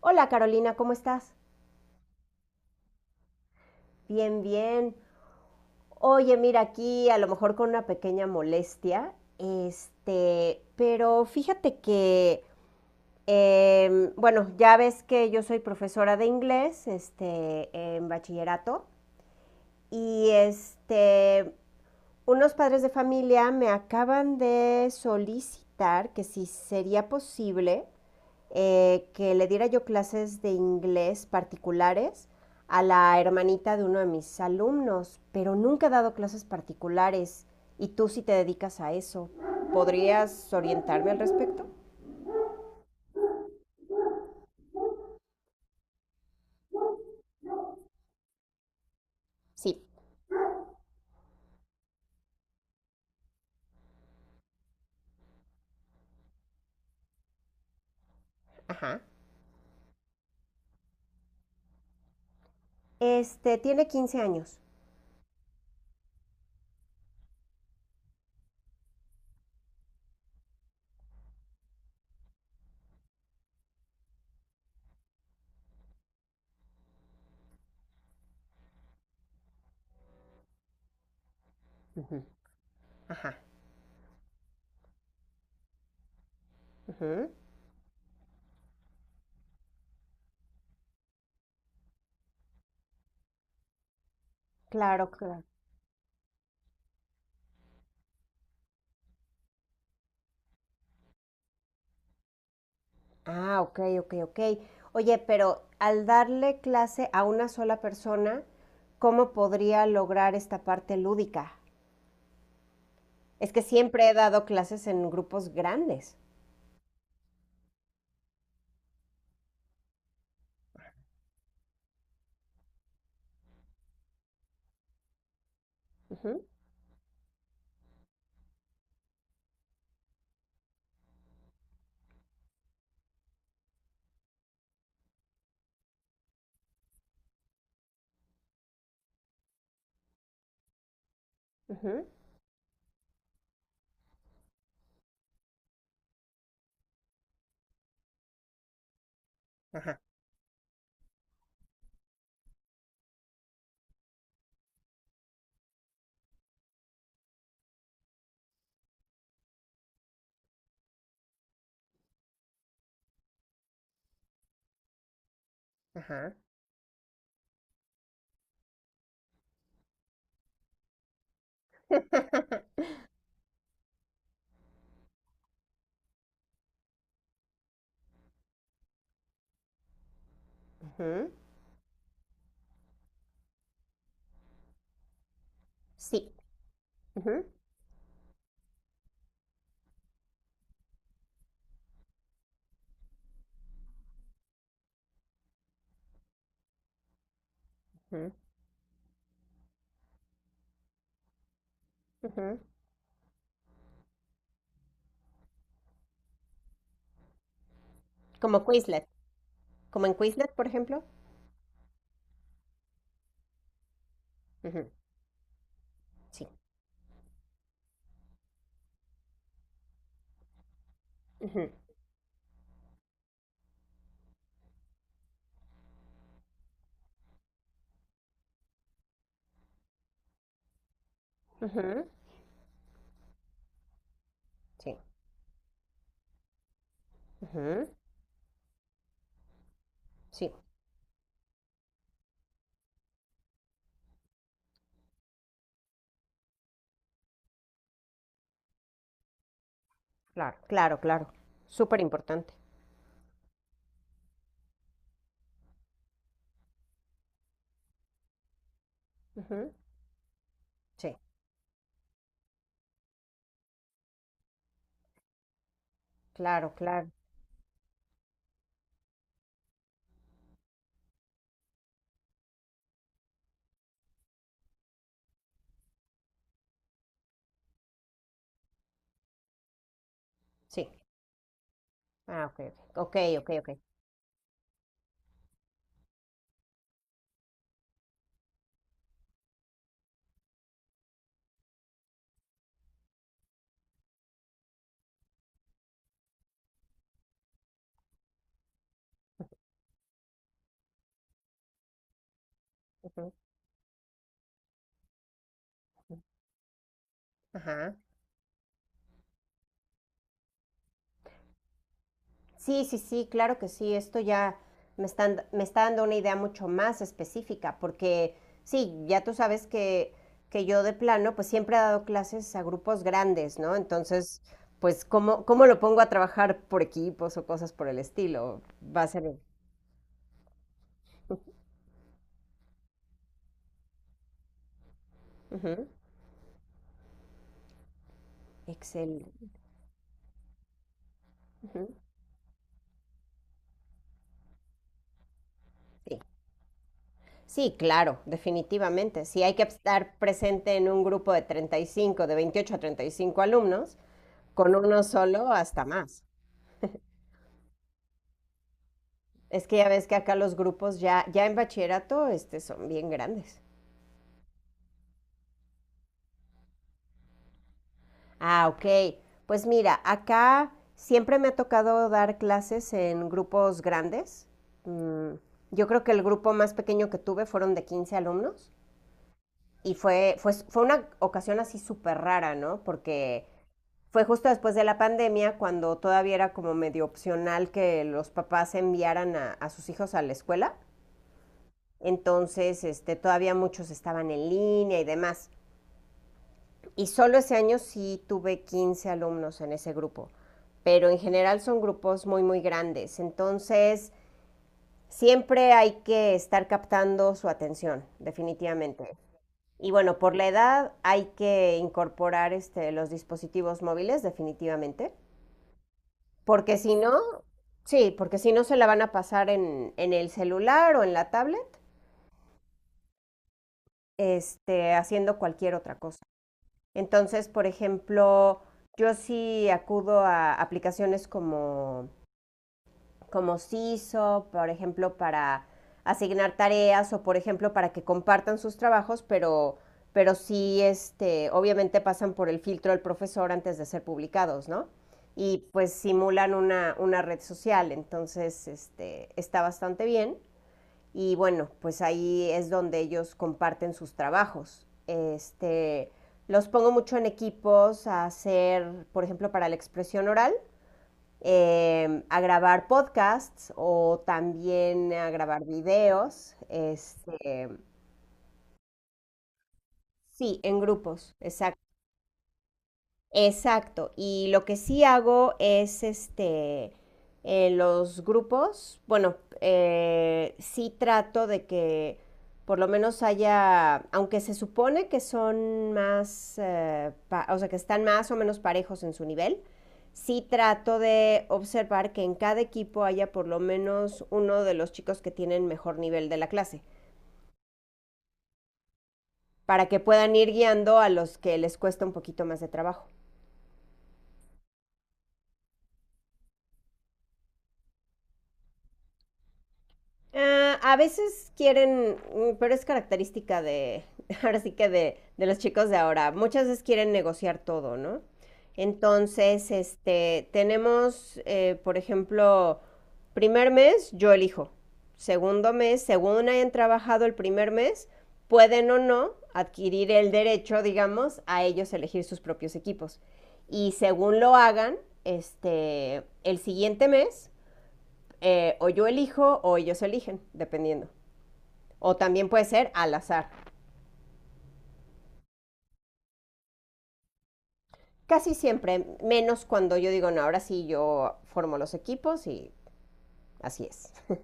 Hola Carolina, ¿cómo estás? Bien, bien. Oye, mira, aquí a lo mejor con una pequeña molestia, pero fíjate que, bueno, ya ves que yo soy profesora de inglés, en bachillerato, y unos padres de familia me acaban de solicitar que si sería posible que le diera yo clases de inglés particulares a la hermanita de uno de mis alumnos, pero nunca he dado clases particulares y tú sí te dedicas a eso. ¿Podrías orientarme al respecto? Sí. Ajá. Tiene 15 años. Ujú. Ajá. Ujú. Claro, claro. Ah, ok, ok, ok. Oye, pero al darle clase a una sola persona, ¿cómo podría lograr esta parte lúdica? Es que siempre he dado clases en grupos grandes. Ujú, ujú, ajá, ujú, sí. Ujú, ujú, ujú. Como Quizlet. Como en Quizlet, por ejemplo. Ujú, sí. Ujú, ujú, sí. Ujú, sí. Claro, claro, claro. Súper importante. Ujú, sí. Claro, claro. Sí. Ah, ok, ok, ok, ok. Ok, ujú, ajá. Sí, sí, sí, claro que sí. Esto ya me está dando una idea mucho más específica, porque sí, ya tú sabes que, yo de plano, pues siempre he dado clases a grupos grandes, ¿no? Entonces, pues, ¿cómo lo pongo a trabajar por equipos o cosas por el estilo? Va a ser... Ujú, Excel. Ujú, sí. Sí, claro, definitivamente. Si hay que estar presente en un grupo de 35, de 28 a 35 alumnos, con uno solo hasta más. Es que ya ves que acá los grupos ya, ya en bachillerato son bien grandes. Ah, ok. Pues mira, acá siempre me ha tocado dar clases en grupos grandes. Mm, yo creo que el grupo más pequeño que tuve fueron de 15 alumnos y fue una ocasión así súper rara, ¿no? Porque fue justo después de la pandemia cuando todavía era como medio opcional que los papás enviaran a sus hijos a la escuela. Entonces, todavía muchos estaban en línea y demás. Y solo ese año sí tuve 15 alumnos en ese grupo, pero en general son grupos muy, muy grandes. Entonces, siempre hay que estar captando su atención, definitivamente. Y bueno, por la edad hay que incorporar los dispositivos móviles, definitivamente, porque si no, sí, porque si no se la van a pasar en el celular o en la tablet, haciendo cualquier otra cosa. Entonces, por ejemplo, yo sí acudo a aplicaciones como CISO, por ejemplo, para asignar tareas o, por ejemplo, para que compartan sus trabajos, pero sí, obviamente pasan por el filtro del profesor antes de ser publicados, ¿no? Y pues simulan una red social, entonces está bastante bien. Y bueno, pues ahí es donde ellos comparten sus trabajos. Los pongo mucho en equipos a hacer, por ejemplo, para la expresión oral, a grabar podcasts o también a grabar videos. Sí, en grupos, exacto. Exacto. Y lo que sí hago es en los grupos, bueno, sí trato de que por lo menos haya, aunque se supone que son más, o sea, que están más o menos parejos en su nivel, sí trato de observar que en cada equipo haya por lo menos uno de los chicos que tienen mejor nivel de la clase, para que puedan ir guiando a los que les cuesta un poquito más de trabajo. Ah, a veces quieren, pero es característica de, ahora sí que de los chicos de ahora, muchas veces quieren negociar todo, ¿no? Entonces, tenemos, por ejemplo, primer mes, yo elijo. Segundo mes, según hayan trabajado el primer mes, pueden o no adquirir el derecho, digamos, a ellos elegir sus propios equipos. Y según lo hagan, el siguiente mes o yo elijo o ellos eligen, dependiendo. O también puede ser al azar. Casi siempre, menos cuando yo digo, no, ahora sí yo formo los equipos y así es.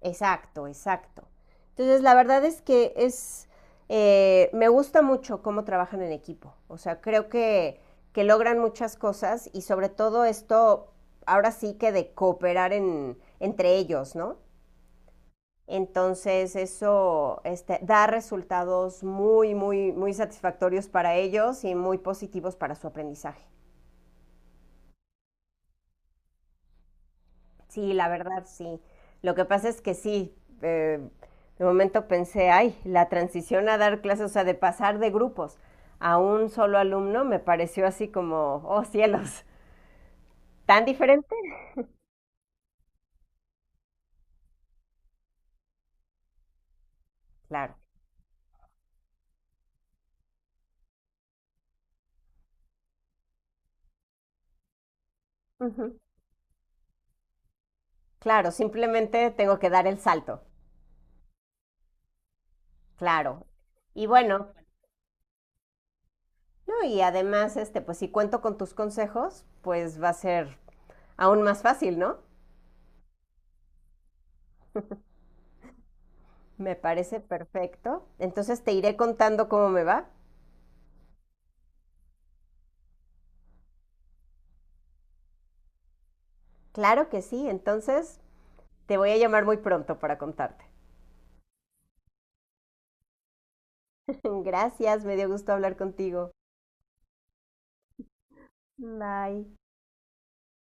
Exacto, exacto. Entonces, la verdad es que me gusta mucho cómo trabajan en equipo. O sea, creo que, logran muchas cosas y sobre todo esto, ahora sí que de cooperar entre ellos, ¿no? Entonces eso da resultados muy, muy, muy satisfactorios para ellos y muy positivos para su aprendizaje. Sí, la verdad, sí. Lo que pasa es que sí, eh, de momento pensé, ay, la transición a dar clases, o sea, de pasar de grupos a un solo alumno me pareció así como, oh cielos, tan diferente. Claro, ujú, claro, simplemente tengo que dar el salto, claro. Y bueno, no, y además, pues si cuento con tus consejos, pues va a ser aún más fácil, ¿no? Me parece perfecto. Entonces te iré contando cómo me va. Claro que sí, entonces te voy a llamar muy pronto para contarte. Gracias, me dio gusto hablar contigo. Bye.